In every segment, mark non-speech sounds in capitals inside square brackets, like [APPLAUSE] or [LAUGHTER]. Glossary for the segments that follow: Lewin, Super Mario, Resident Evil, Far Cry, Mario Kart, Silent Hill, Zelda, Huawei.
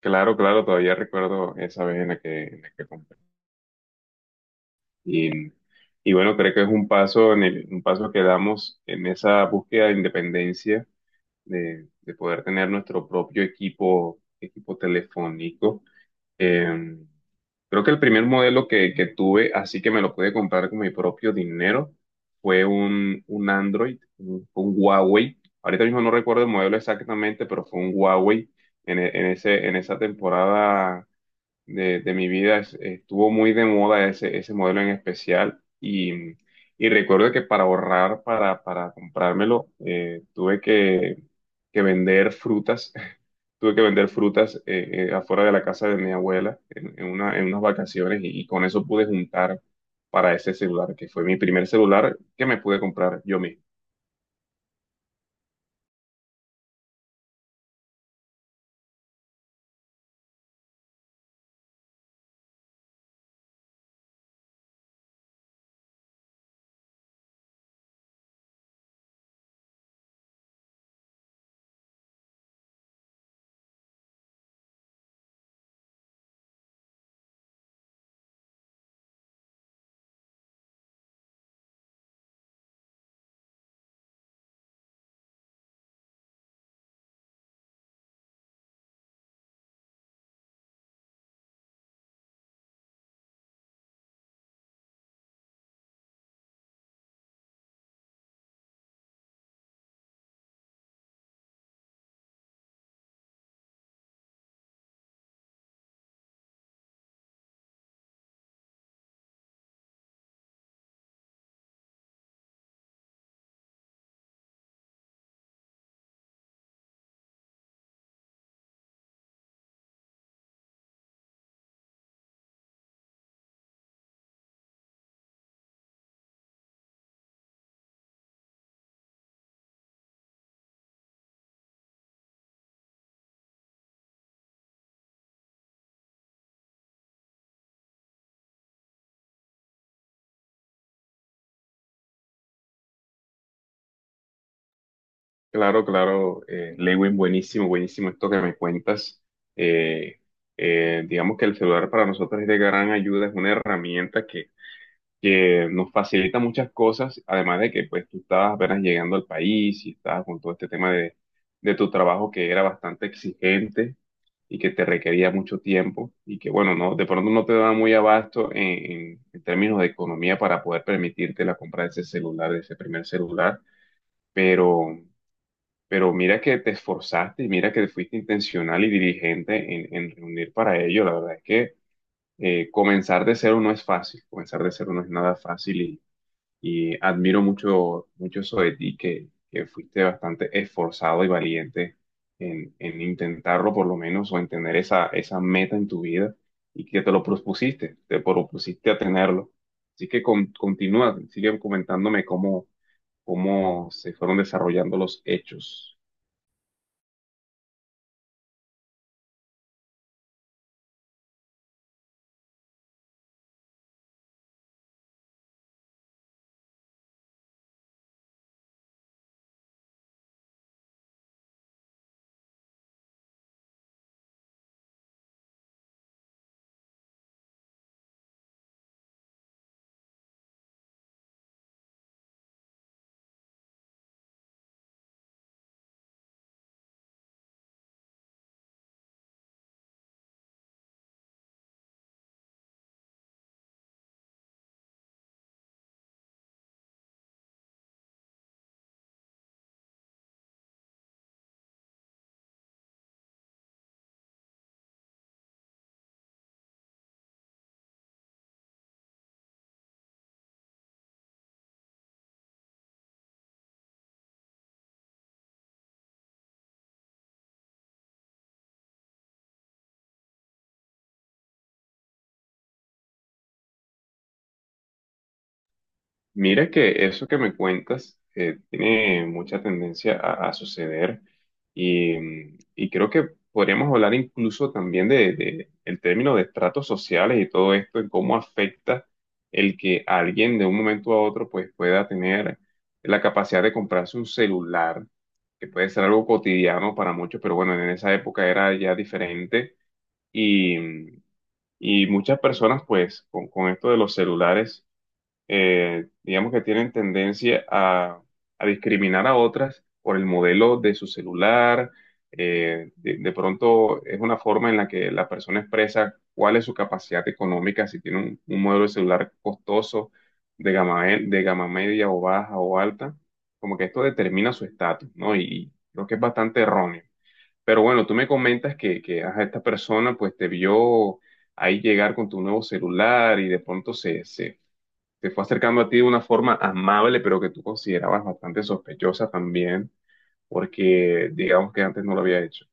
Claro, claro, todavía recuerdo esa vez en la que compré. Y, y bueno, creo que es un paso, un paso que damos en esa búsqueda de independencia, de poder tener nuestro propio equipo, equipo telefónico. Eh, Creo que el primer modelo que tuve, así que me lo pude comprar con mi propio dinero, fue un Android, un Huawei. Ahorita mismo no recuerdo el modelo exactamente, pero fue un Huawei en, en ese, en esa temporada de mi vida estuvo muy de moda ese, ese modelo en especial y recuerdo que para ahorrar, para comprármelo, tuve que vender frutas, [LAUGHS] tuve que vender frutas afuera de la casa de mi abuela en, en unas vacaciones y con eso pude juntar para ese celular, que fue mi primer celular que me pude comprar yo mismo. Claro, claro, Lewin, buenísimo, buenísimo esto que me cuentas. Eh, digamos que el celular para nosotros es de gran ayuda, es una herramienta que nos facilita muchas cosas, además de que pues tú estabas apenas llegando al país y estabas con todo este tema de tu trabajo que era bastante exigente y que te requería mucho tiempo y que bueno, no, de pronto no te daba muy abasto en, en términos de economía para poder permitirte la compra de ese celular, de ese primer celular, pero... Pero mira que te esforzaste y mira que fuiste intencional y diligente en reunir para ello. La verdad es que comenzar de cero no es fácil, comenzar de cero no es nada fácil y admiro mucho, mucho eso de ti, que fuiste bastante esforzado y valiente en intentarlo por lo menos o en tener esa, esa meta en tu vida y que te lo propusiste, te propusiste a tenerlo. Así que continúa, sigue comentándome cómo, cómo se fueron desarrollando los hechos. Mira que eso que me cuentas tiene mucha tendencia a suceder y, y creo que podríamos hablar incluso también de el término de estratos sociales y todo esto, en cómo afecta el que alguien de un momento a otro pues pueda tener la capacidad de comprarse un celular, que puede ser algo cotidiano para muchos, pero bueno, en esa época era ya diferente y, y muchas personas pues con esto de los celulares digamos que tienen tendencia a discriminar a otras por el modelo de su celular. Eh, de pronto es una forma en la que la persona expresa cuál es su capacidad económica, si tiene un modelo de celular costoso, de gama, de gama media o baja o alta, como que esto determina su estatus, ¿no? Y creo que es bastante erróneo. Pero bueno, tú me comentas que ajá, esta persona pues te vio ahí llegar con tu nuevo celular y de pronto se fue acercando a ti de una forma amable, pero que tú considerabas bastante sospechosa también, porque digamos que antes no lo había hecho.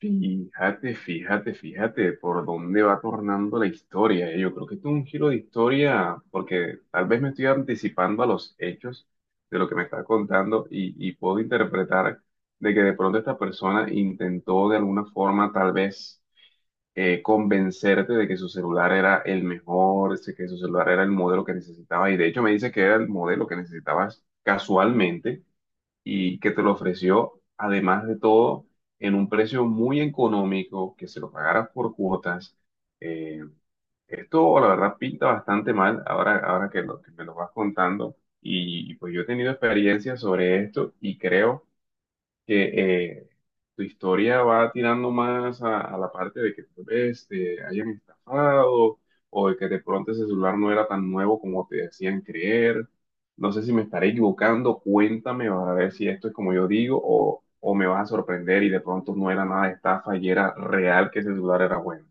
Fíjate, fíjate, fíjate por dónde va tornando la historia. Eh. Yo creo que esto es un giro de historia, porque tal vez me estoy anticipando a los hechos de lo que me está contando y puedo interpretar de que de pronto esta persona intentó de alguna forma tal vez convencerte de que su celular era el mejor, de que su celular era el modelo que necesitabas. Y de hecho me dice que era el modelo que necesitabas casualmente y que te lo ofreció, además de todo, en un precio muy económico, que se lo pagaras por cuotas. Eh, Esto, la verdad, pinta bastante mal ahora, ahora que, que me lo vas contando. Y pues yo he tenido experiencias sobre esto y creo que tu historia va tirando más a la parte de que tal vez te hayan estafado o de que de pronto ese celular no era tan nuevo como te decían creer. No sé si me estaré equivocando, cuéntame para ver si esto es como yo digo o me vas a sorprender y de pronto no era nada de estafa y era real que ese celular era bueno.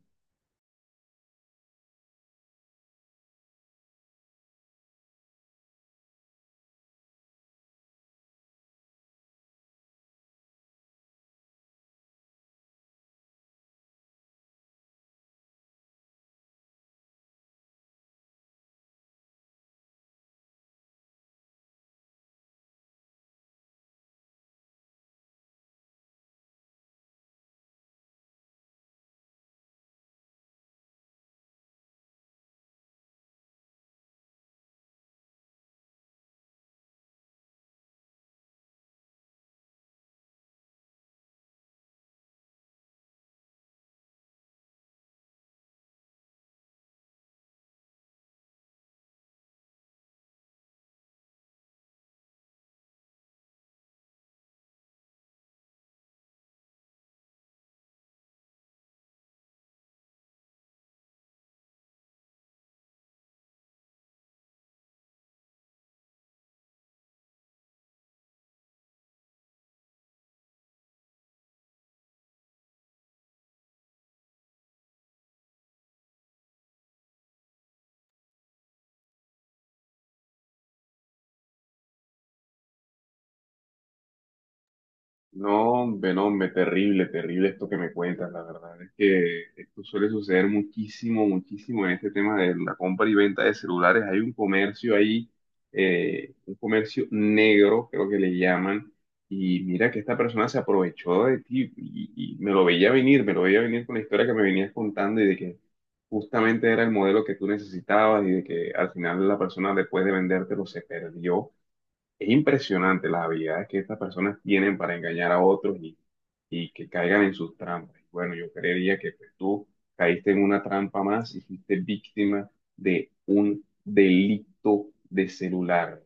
No, hombre, no, hombre, terrible, terrible esto que me cuentas, la verdad. Es que esto suele suceder muchísimo, muchísimo en este tema de la compra y venta de celulares. Hay un comercio ahí, un comercio negro, creo que le llaman. Y mira que esta persona se aprovechó de ti y me lo veía venir, me lo veía venir con la historia que me venías contando y de que justamente era el modelo que tú necesitabas y de que al final la persona después de vendértelo se perdió. Es impresionante las habilidades que estas personas tienen para engañar a otros y que caigan en sus trampas. Y bueno, yo creería que pues, tú caíste en una trampa más y fuiste víctima de un delito de celular.